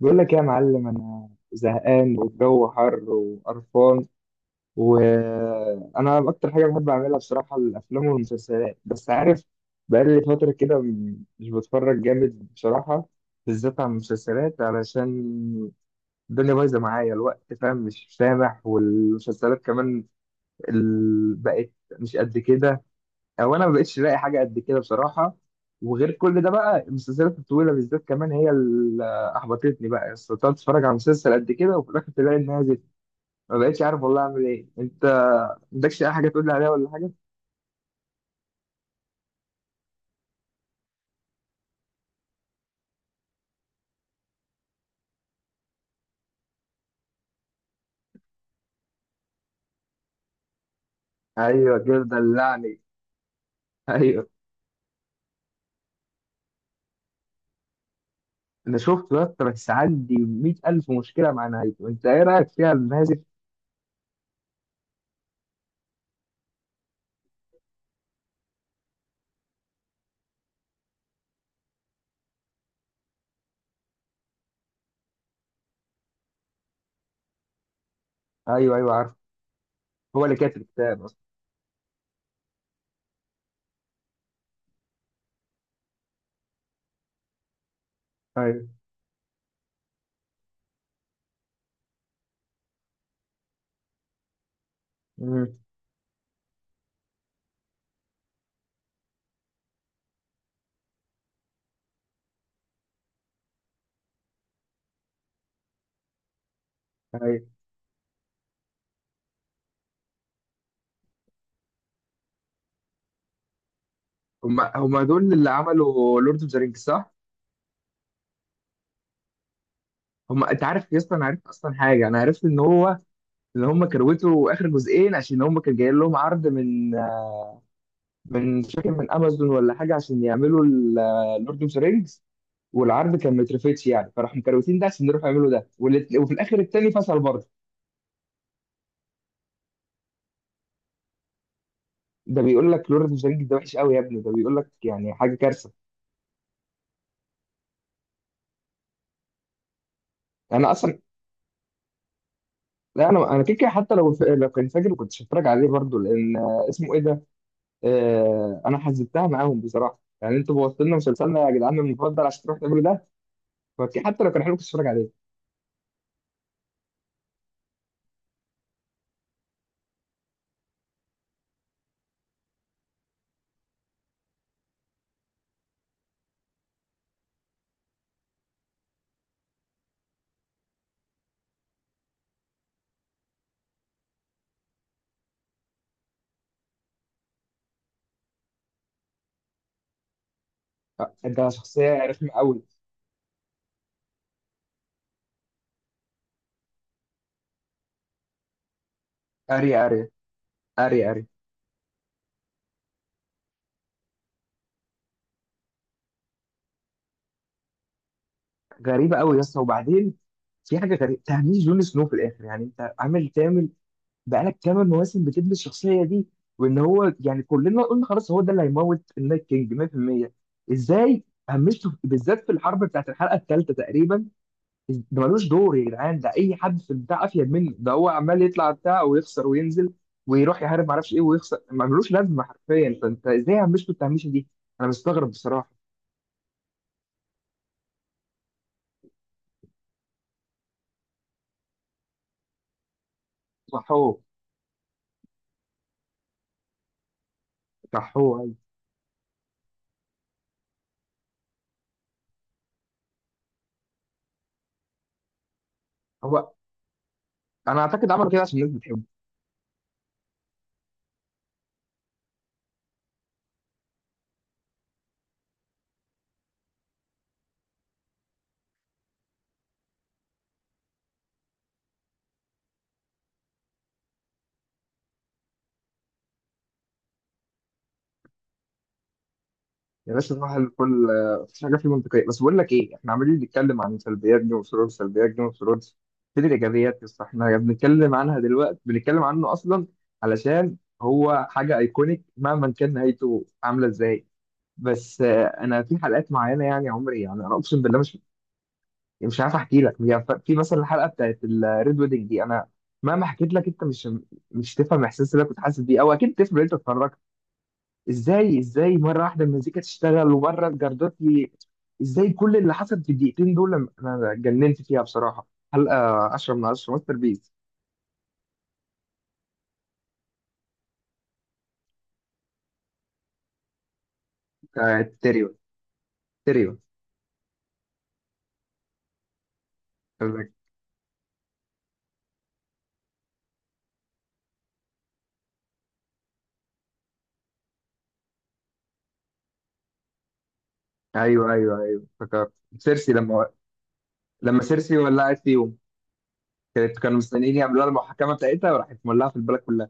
بقول لك يا معلم، انا زهقان والجو حر وقرفان. وانا اكتر حاجه بحب اعملها بصراحه الافلام والمسلسلات، بس عارف بقالي فتره كده مش بتفرج جامد بصراحه، بالذات على المسلسلات، علشان الدنيا بايظه معايا الوقت، فاهم؟ مش سامح، والمسلسلات كمان بقت مش قد كده. او انا ما بقتش لاقي حاجه قد كده بصراحه. وغير كل ده بقى المسلسلات الطويله بالذات كمان هي اللي احبطتني بقى. استطعت اتفرج على مسلسل قد كده وفي الاخر تلاقي انها زفت. ما بقتش عارف والله اعمل ايه. انت ما عندكش اي حاجه تقول لي عليها ولا حاجه؟ ايوه كده دلعني. ايوه، انا شفت بقى، بس عندي 100,000 مشكله مع نهايته. انت ايه رايك فيها النازل؟ ايوه ايوه عارف. هو اللي كاتب الكتاب اصلا. ايوه. امم. ايوه. هم دول اللي عملوا لورد اوف ذا رينجز، صح؟ هم. انت عارف يا اسطى، انا عرفت اصلا حاجه، انا عرفت ان هو ان هم كروتوا اخر جزئين عشان هم كان جاي لهم عرض من مش فاكر، من امازون ولا حاجه، عشان يعملوا اللورد اوف ذا رينجز. والعرض كان مترفتش يعني، فراحوا مكروتين ده عشان يروحوا يعملوا ده وفي الاخر التاني فصل برضه. ده بيقول لك لورد اوف ذا رينجز ده وحش قوي يا ابني، ده بيقول لك يعني حاجه كارثه. انا اصلا، لا، انا كده كده حتى لو لو كان فاكر كنت هتفرج عليه برضه، لان اسمه ايه ده. انا حزبتها معاهم بصراحه، يعني انتوا بوظتوا لنا مسلسلنا يا جدعان المفضل عشان تروحوا تعملوا ده. حتى لو كان حلو كنت اتفرج عليه. آه، ده شخصيه رخمه قوي. اري اري. اري اري. غريبه قوي يا اسطى. وبعدين في حاجه غريبه، تهميش جون سنو في الاخر. يعني انت عامل تعمل بقالك 8 مواسم بتبني الشخصيه دي، وان هو يعني كلنا قلنا خلاص هو ده اللي هيموت النايت كينج 100%. ازاي همشته بالذات في الحرب بتاعت الحلقه الثالثه تقريبا؟ ده ملوش دور يا جدعان، ده اي حد في البتاع افيد منه. ده هو عمال يطلع بتاع ويخسر وينزل ويروح يحارب معرفش ايه ويخسر، ملوش لازمه حرفيا. فانت ازاي عمشتوا التهميشه دي؟ انا مستغرب بصراحه. صحوه. صحوه. أيوة. هو، انا اعتقد عملوا كده عشان الناس بتحبه. يعني بس صراحه الكل، مفيش حاجه فيه منطقيه، بس بقول لك ايه، احنا عمالين نتكلم عن سلبيات جيم اوف ثرونز، سلبيات جيم اوف ثرونز فين الايجابيات؟ بس احنا بنتكلم عنها دلوقتي، بنتكلم عنه اصلا علشان هو حاجه ايكونيك مهما كان نهايته عامله ازاي. بس انا في حلقات معينه، يعني عمري يعني انا اقسم بالله، مش يعني مش عارف احكي لك يعني في مثلا الحلقه بتاعت الريد ويدنج دي، انا مهما حكيت لك انت مش تفهم الاحساس اللي أنا كنت حاسس بيه. او اكيد تفهم، انت اتفرجت. ازاي ازاي مره واحده المزيكا تشتغل ومره الجردات؟ ازاي كل اللي حصل في الدقيقتين دول انا اتجننت فيها بصراحه. حلقه 10 من 10، ماستر بيس. بتاعت تيريون. تيريون. ايوه ايوه ايوه، افتكرت. سيرسي، لما سيرسي ولعت فيهم. كانت كانوا مستنيين يعملوها المحاكمه بتاعتها وراحت مولعه في البلد كلها.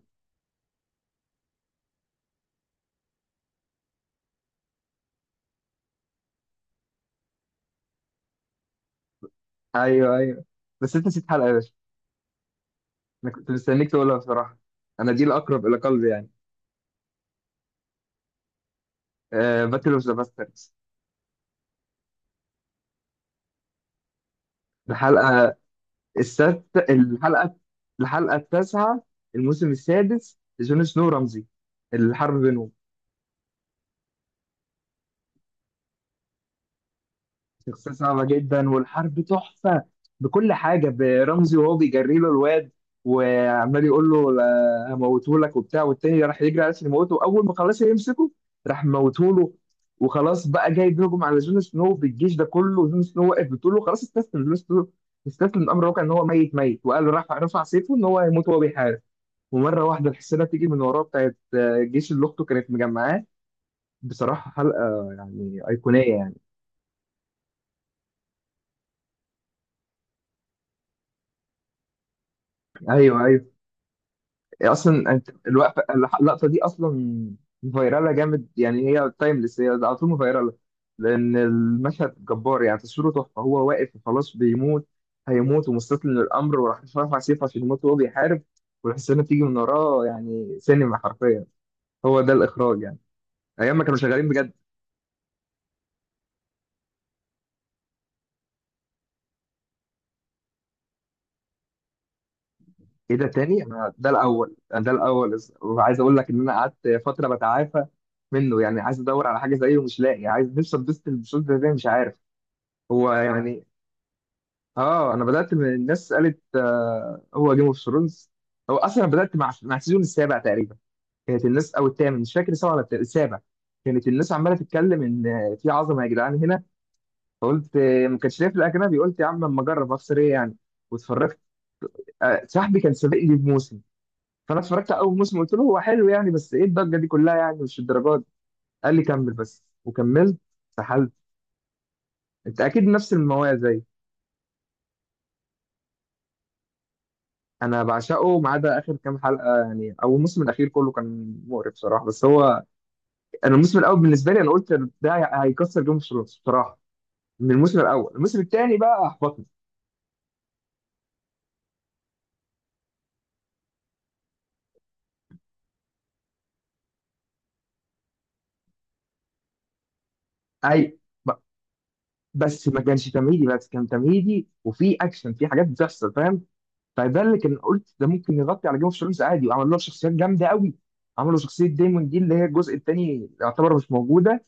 ايوه ايوه. بس انت نسيت حلقه يا باشا. انا كنت مستنيك تقولها بصراحه. انا دي الاقرب الى قلبي يعني. آه، باتل اوف ذا باستردز. الحلقه السادسه. الحلقه. الحلقه التاسعه. الموسم السادس، جون سنو رمزي، الحرب بينهم. شخصية صعبة جدا والحرب تحفة بكل حاجة. برمزي وهو بيجري له الواد وعمال يقول له لا، هموتهولك وبتاع. والتاني راح يجري على اساس يموته، وأول ما خلاص يمسكه راح موتهوله. وخلاص بقى جاي بيهجم على جون سنو بالجيش ده كله. جون سنو واقف بتقول له خلاص استسلم جون سنو، استسلم الأمر واقع إن هو ميت ميت. وقال له، رفع سيفه إن هو هيموت وهو بيحارب. ومرة واحدة الحصينة تيجي من وراه، بتاعت الجيش اللي أخته كانت مجمعاه. بصراحة حلقة يعني أيقونية يعني. أيوه أيوه. هي اصلا الوقفه، اللقطه دي اصلا فايراله جامد يعني. هي تايمليس، هي على طول فايراله، لان المشهد جبار يعني. تصويره تحفه. هو واقف وخلاص بيموت، هيموت ومستسلم للامر، وراح رافع سيفه عشان يموت وهو بيحارب، والحسنه بتيجي من وراه. يعني سينما حرفيا، هو ده الاخراج يعني، ايام ما كانوا شغالين بجد. ايه ده، تاني؟ انا ده الاول. أنا ده الاول، وعايز اقول لك ان انا قعدت فتره بتعافى منه يعني، عايز ادور على حاجه زيه ومش لاقي. عايز نفسي اتبسط البساط ده إزاي مش عارف. هو يعني، اه، انا بدات من الناس قالت آه هو جيم اوف ثرونز. هو اصلا أنا بدات مع السيزون السابع تقريبا. كانت الناس، او الثامن مش فاكر، سبعه ولا السابع. كانت الناس عماله تتكلم ان في عظمه يا جدعان هنا. فقلت ما كانش ليا في الاجنبي، قلت يا عم اما اجرب اخسر ايه يعني. واتفرجت. صاحبي كان سابقني بموسم، فانا اتفرجت على اول موسم، قلت له هو حلو يعني بس ايه الضجه دي كلها يعني مش الدرجات. قال لي كمل بس. وكملت. سحلت. انت اكيد نفس المواضيع. انا بعشقه ما عدا اخر كام حلقه يعني، او الموسم الاخير كله كان مقرف بصراحه. بس هو، انا الموسم الاول بالنسبه لي انا قلت ده هيكسر جيم اوف ثرونز بصراحه. من الموسم الاول. الموسم الثاني بقى احبطني. اي، ب- بس ما كانش تمهيدي بس، كان تمهيدي وفي اكشن، في حاجات بتحصل فاهم. فده اللي كان قلت ده ممكن يغطي على جيم اوف ثرونز عادي، وعملوا له شخصيات جامده قوي. عملوا شخصيه دايمون دي اللي هي الجزء الثاني يعتبر مش موجوده.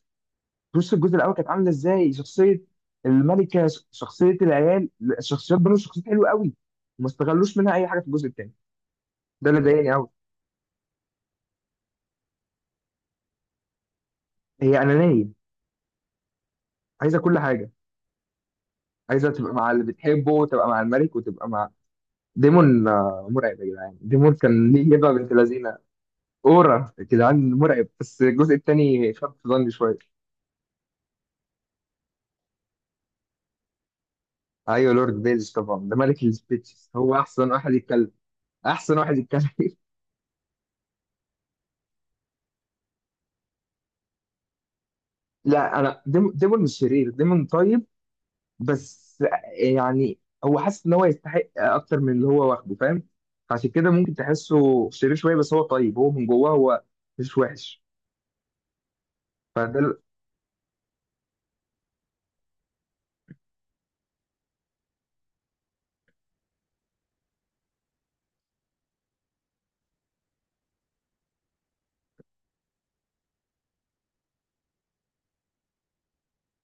بص الجزء الاول كانت عامله ازاي شخصيه الملكه، شخصيه العيال، الشخصيات، بنوا شخصيات حلوه قوي. وما استغلوش منها اي حاجه في الجزء الثاني. ده اللي ضايقني قوي. هي انانيه، عايزه كل حاجه. عايزه تبقى مع اللي بتحبه وتبقى مع الملك وتبقى مع ديمون. مرعب يا جدعان، ديمون كان ليه هبه بنت لذينه. اورا يا جدعان مرعب. بس الجزء الثاني خف في ظني شويه. ايوه لورد بيلز طبعا، ده ملك السبيتشز، هو احسن واحد يتكلم. احسن واحد يتكلم لا انا، ديمون مش شرير، ديمون طيب بس يعني، هو حاسس ان هو يستحق اكتر من اللي هو واخده فاهم، عشان كده ممكن تحسه شرير شويه، بس هو طيب، هو من جواه هو مش وحش. فده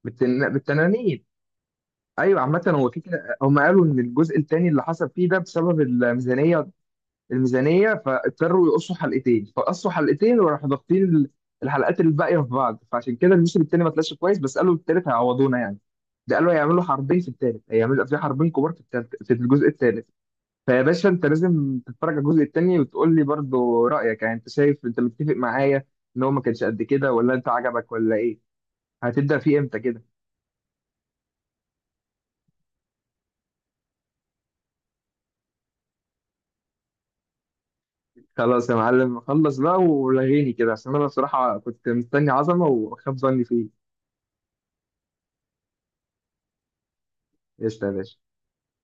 بالتنانين. ايوه عامه هو في كده، هم قالوا ان الجزء الثاني اللي حصل فيه ده بسبب الميزانيه، الميزانيه، فاضطروا يقصوا حلقتين. فقصوا حلقتين وراحوا ضاغطين الحلقات الباقيه في بعض، فعشان كده الموسم الثاني ما طلعش كويس. بس قالوا الثالث هيعوضونا يعني، ده قالوا هيعملوا حربين في الثالث، هيعملوا في حربين كبار في التالت في الجزء الثالث. فيا باشا انت لازم تتفرج على الجزء التاني وتقول لي برضه رأيك، يعني انت شايف انت متفق معايا ان هو ما كانش قد كده، ولا انت عجبك ولا ايه. هتبدأ فيه امتى كده؟ خلاص يا معلم، خلص بقى ولغيني كده، عشان انا بصراحة كنت مستني عظمة وخاب ظني فيه. قشطة يا باشا.